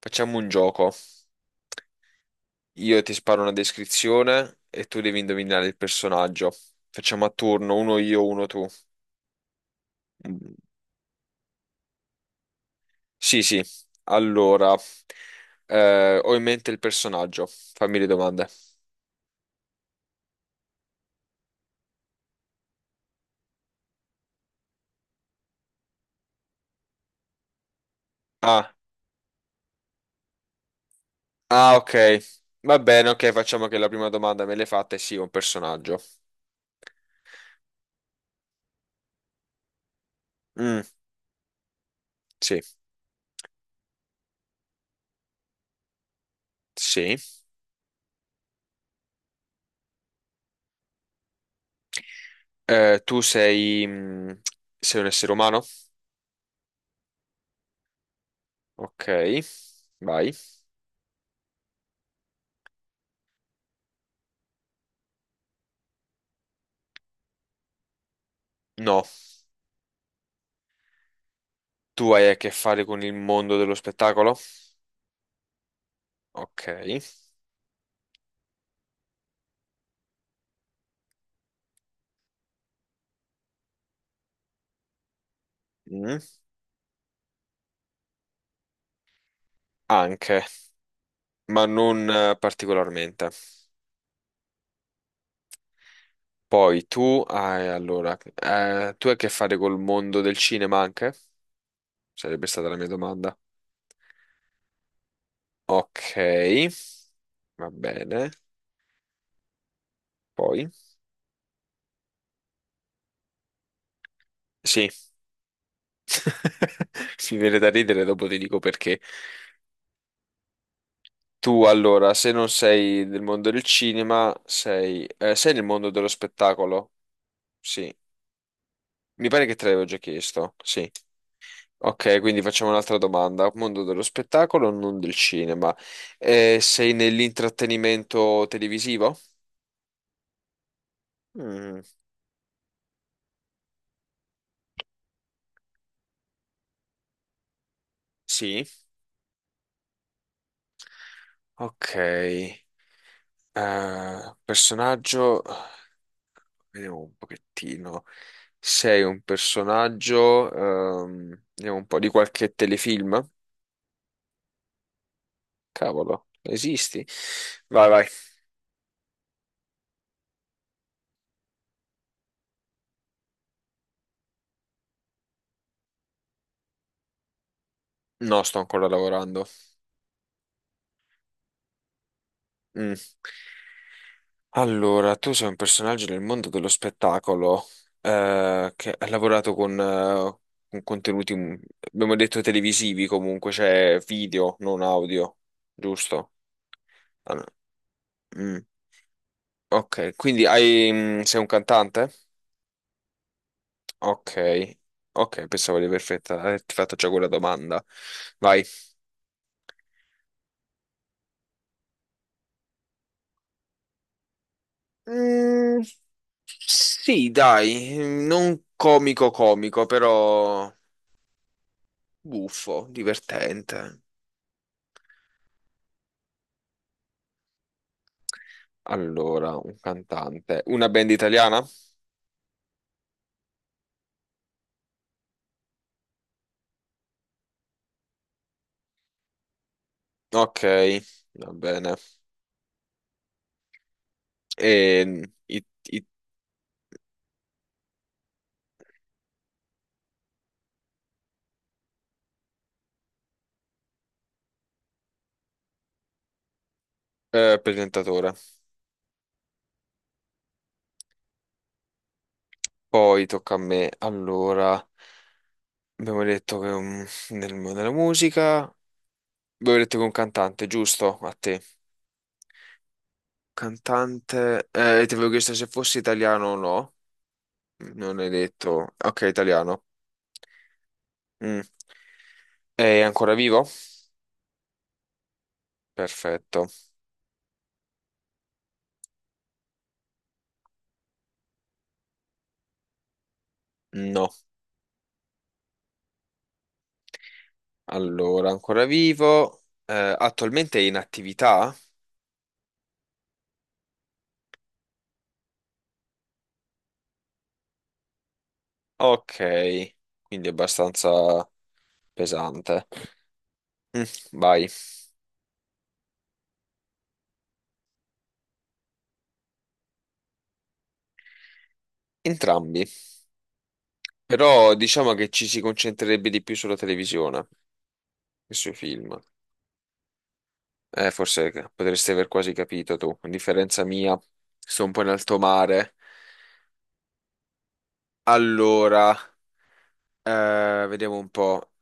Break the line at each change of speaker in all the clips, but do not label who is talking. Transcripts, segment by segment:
Facciamo un gioco. Io ti sparo una descrizione e tu devi indovinare il personaggio. Facciamo a turno, uno io, uno tu. Mm. Sì, sì. Allora, ho in mente il personaggio. Fammi le domande. Ah, ah, ok. Va bene, ok, facciamo che la prima domanda me l'hai fatta e sì, un personaggio. Mm, sì, sì. Tu sei, sei un essere umano? Ok, vai. No, tu hai a che fare con il mondo dello spettacolo? Ok. Mm. Anche, ma non particolarmente. Poi tu hai, allora, tu hai a che fare col mondo del cinema anche? Sarebbe stata la mia domanda. Ok, va bene. Poi? Sì, mi viene da ridere, dopo ti dico perché. Tu, allora, se non sei del mondo del cinema, sei, sei nel mondo dello spettacolo? Sì, mi pare che te l'avevo già chiesto, sì. Ok, quindi facciamo un'altra domanda. Mondo dello spettacolo, non del cinema. Sei nell'intrattenimento televisivo? Mm, sì. Ok. Personaggio. Vediamo un pochettino. Sei un personaggio. Vediamo un po' di qualche telefilm. Cavolo, esisti? Vai. No, sto ancora lavorando. Mm. Allora, tu sei un personaggio nel mondo dello spettacolo che ha lavorato con contenuti, abbiamo detto televisivi comunque, cioè video, non audio, giusto? Ah, no. Mm. Ok, quindi hai, sei un cantante? Ok, ok, pensavo di aver averti fatto già quella domanda. Vai. Mm, sì, dai, non comico comico, però buffo, divertente. Allora, un cantante. Una band italiana? Ok, va bene. E i- i- presentatore. Poi tocca a me. Allora, abbiamo detto che nel, nella musica. Abbiamo detto che un cantante, giusto? A te. Cantante. Ti avevo chiesto se fosse italiano o no. Non hai detto. Ok, italiano. Mm. È ancora vivo? Perfetto. No. Allora, ancora vivo. Attualmente è in attività? Ok, quindi è abbastanza pesante. Mm, vai. Entrambi. Però diciamo che ci si concentrerebbe di più sulla televisione che sui film. Forse potresti aver quasi capito tu. A differenza mia, sto un po' in alto mare. Allora, vediamo un po'.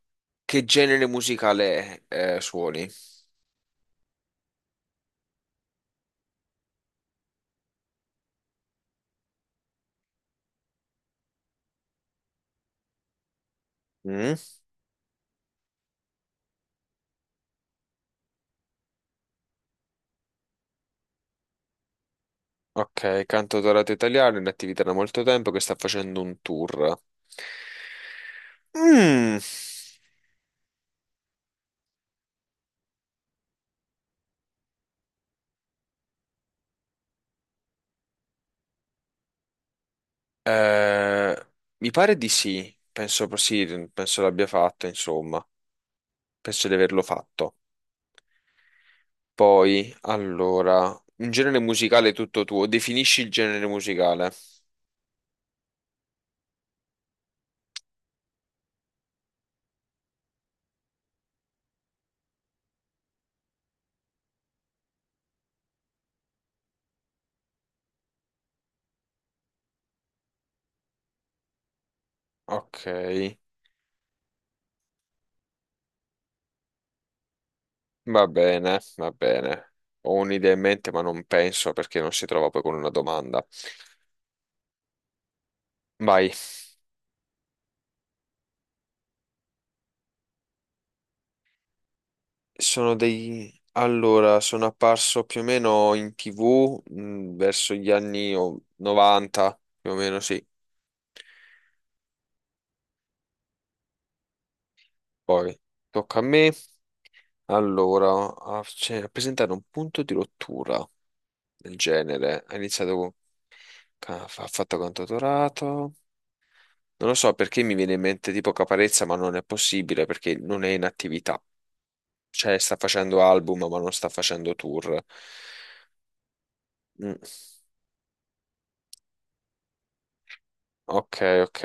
Che genere musicale suoni? Mm? Ok, cantautorato italiano, in attività da molto tempo che sta facendo un tour. Mm, eh, mi pare di sì, sì, penso l'abbia fatto, insomma, penso di averlo fatto. Poi, allora, un genere musicale tutto tuo, definisci il genere musicale. Ok, va bene, va bene. Ho un'idea in mente, ma non penso perché non si trova poi con una domanda. Vai. Sono dei... Allora, sono apparso più o meno in TV verso gli anni 90, più o meno sì. Poi tocca a me. Allora, a, cioè, a presentare un punto di rottura del genere. Ha iniziato con... Ha fatto cantautorato. Non lo so perché mi viene in mente tipo Caparezza, ma non è possibile perché non è in attività. Cioè, sta facendo album, ma non sta facendo tour. Mm, ok, ok.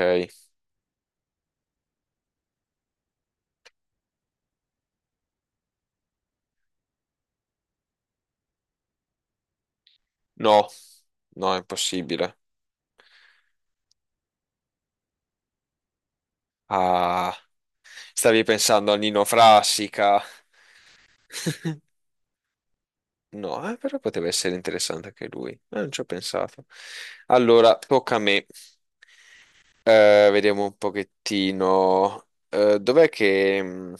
No, no, è impossibile. Ah, stavi pensando a Nino Frassica? No, però poteva essere interessante anche lui. Non ci ho pensato. Allora, tocca a me. Vediamo un pochettino. Dov'è che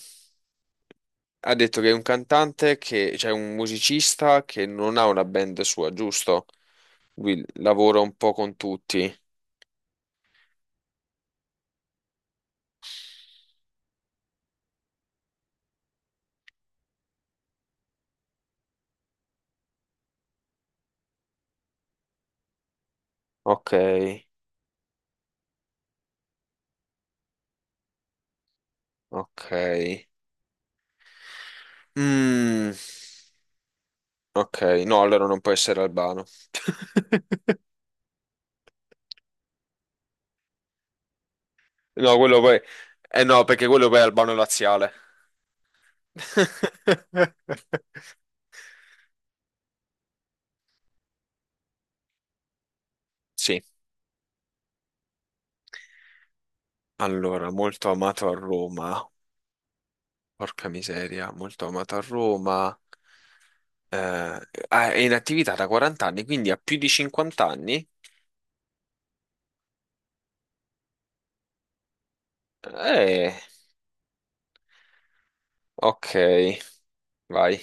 ha detto che è un cantante che, cioè un musicista che non ha una band sua, giusto? Lui lavora un po' con tutti. Ok, ok. Mm. Ok, no, allora non può essere albano. No, quello poi... Eh no, perché quello poi è albano laziale. Sì, allora, molto amato a Roma. Porca miseria, molto amato a Roma. Eh, ah, è in attività da 40 anni, quindi ha più di 50 anni? Eh, ok, vai,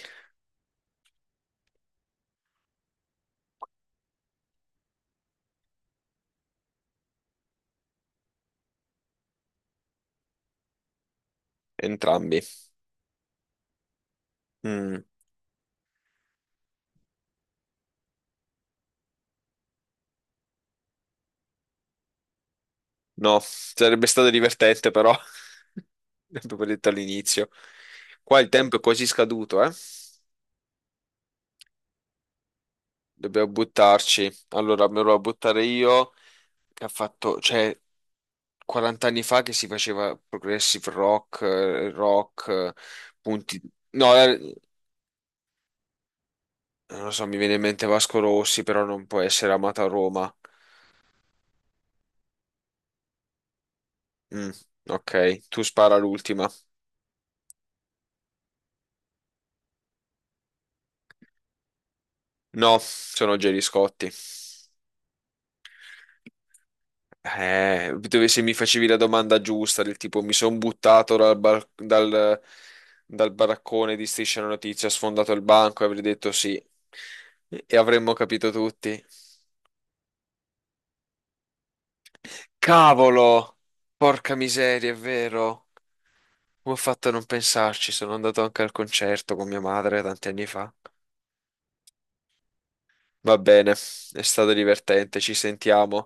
entrambi. Mm. No, sarebbe stato divertente però, l'abbiamo detto all'inizio. Qua il tempo è quasi scaduto, eh? Dobbiamo buttarci. Allora, me lo vado a buttare io, che ha fatto, cioè, 40 anni fa che si faceva progressive rock, punti... No, non lo so, mi viene in mente Vasco Rossi, però non può essere amato a Roma. Mm, ok, tu spara l'ultima. No, sono Gerry Scotti. Dove se mi facevi la domanda giusta, del tipo mi sono buttato dal, dal baraccone di Striscia la Notizia, ho sfondato il banco e avrei detto sì. E avremmo capito tutti. Cavolo! Porca miseria, è vero. Come ho fatto a non pensarci? Sono andato anche al concerto con mia madre tanti anni fa. Va bene, è stato divertente, ci sentiamo.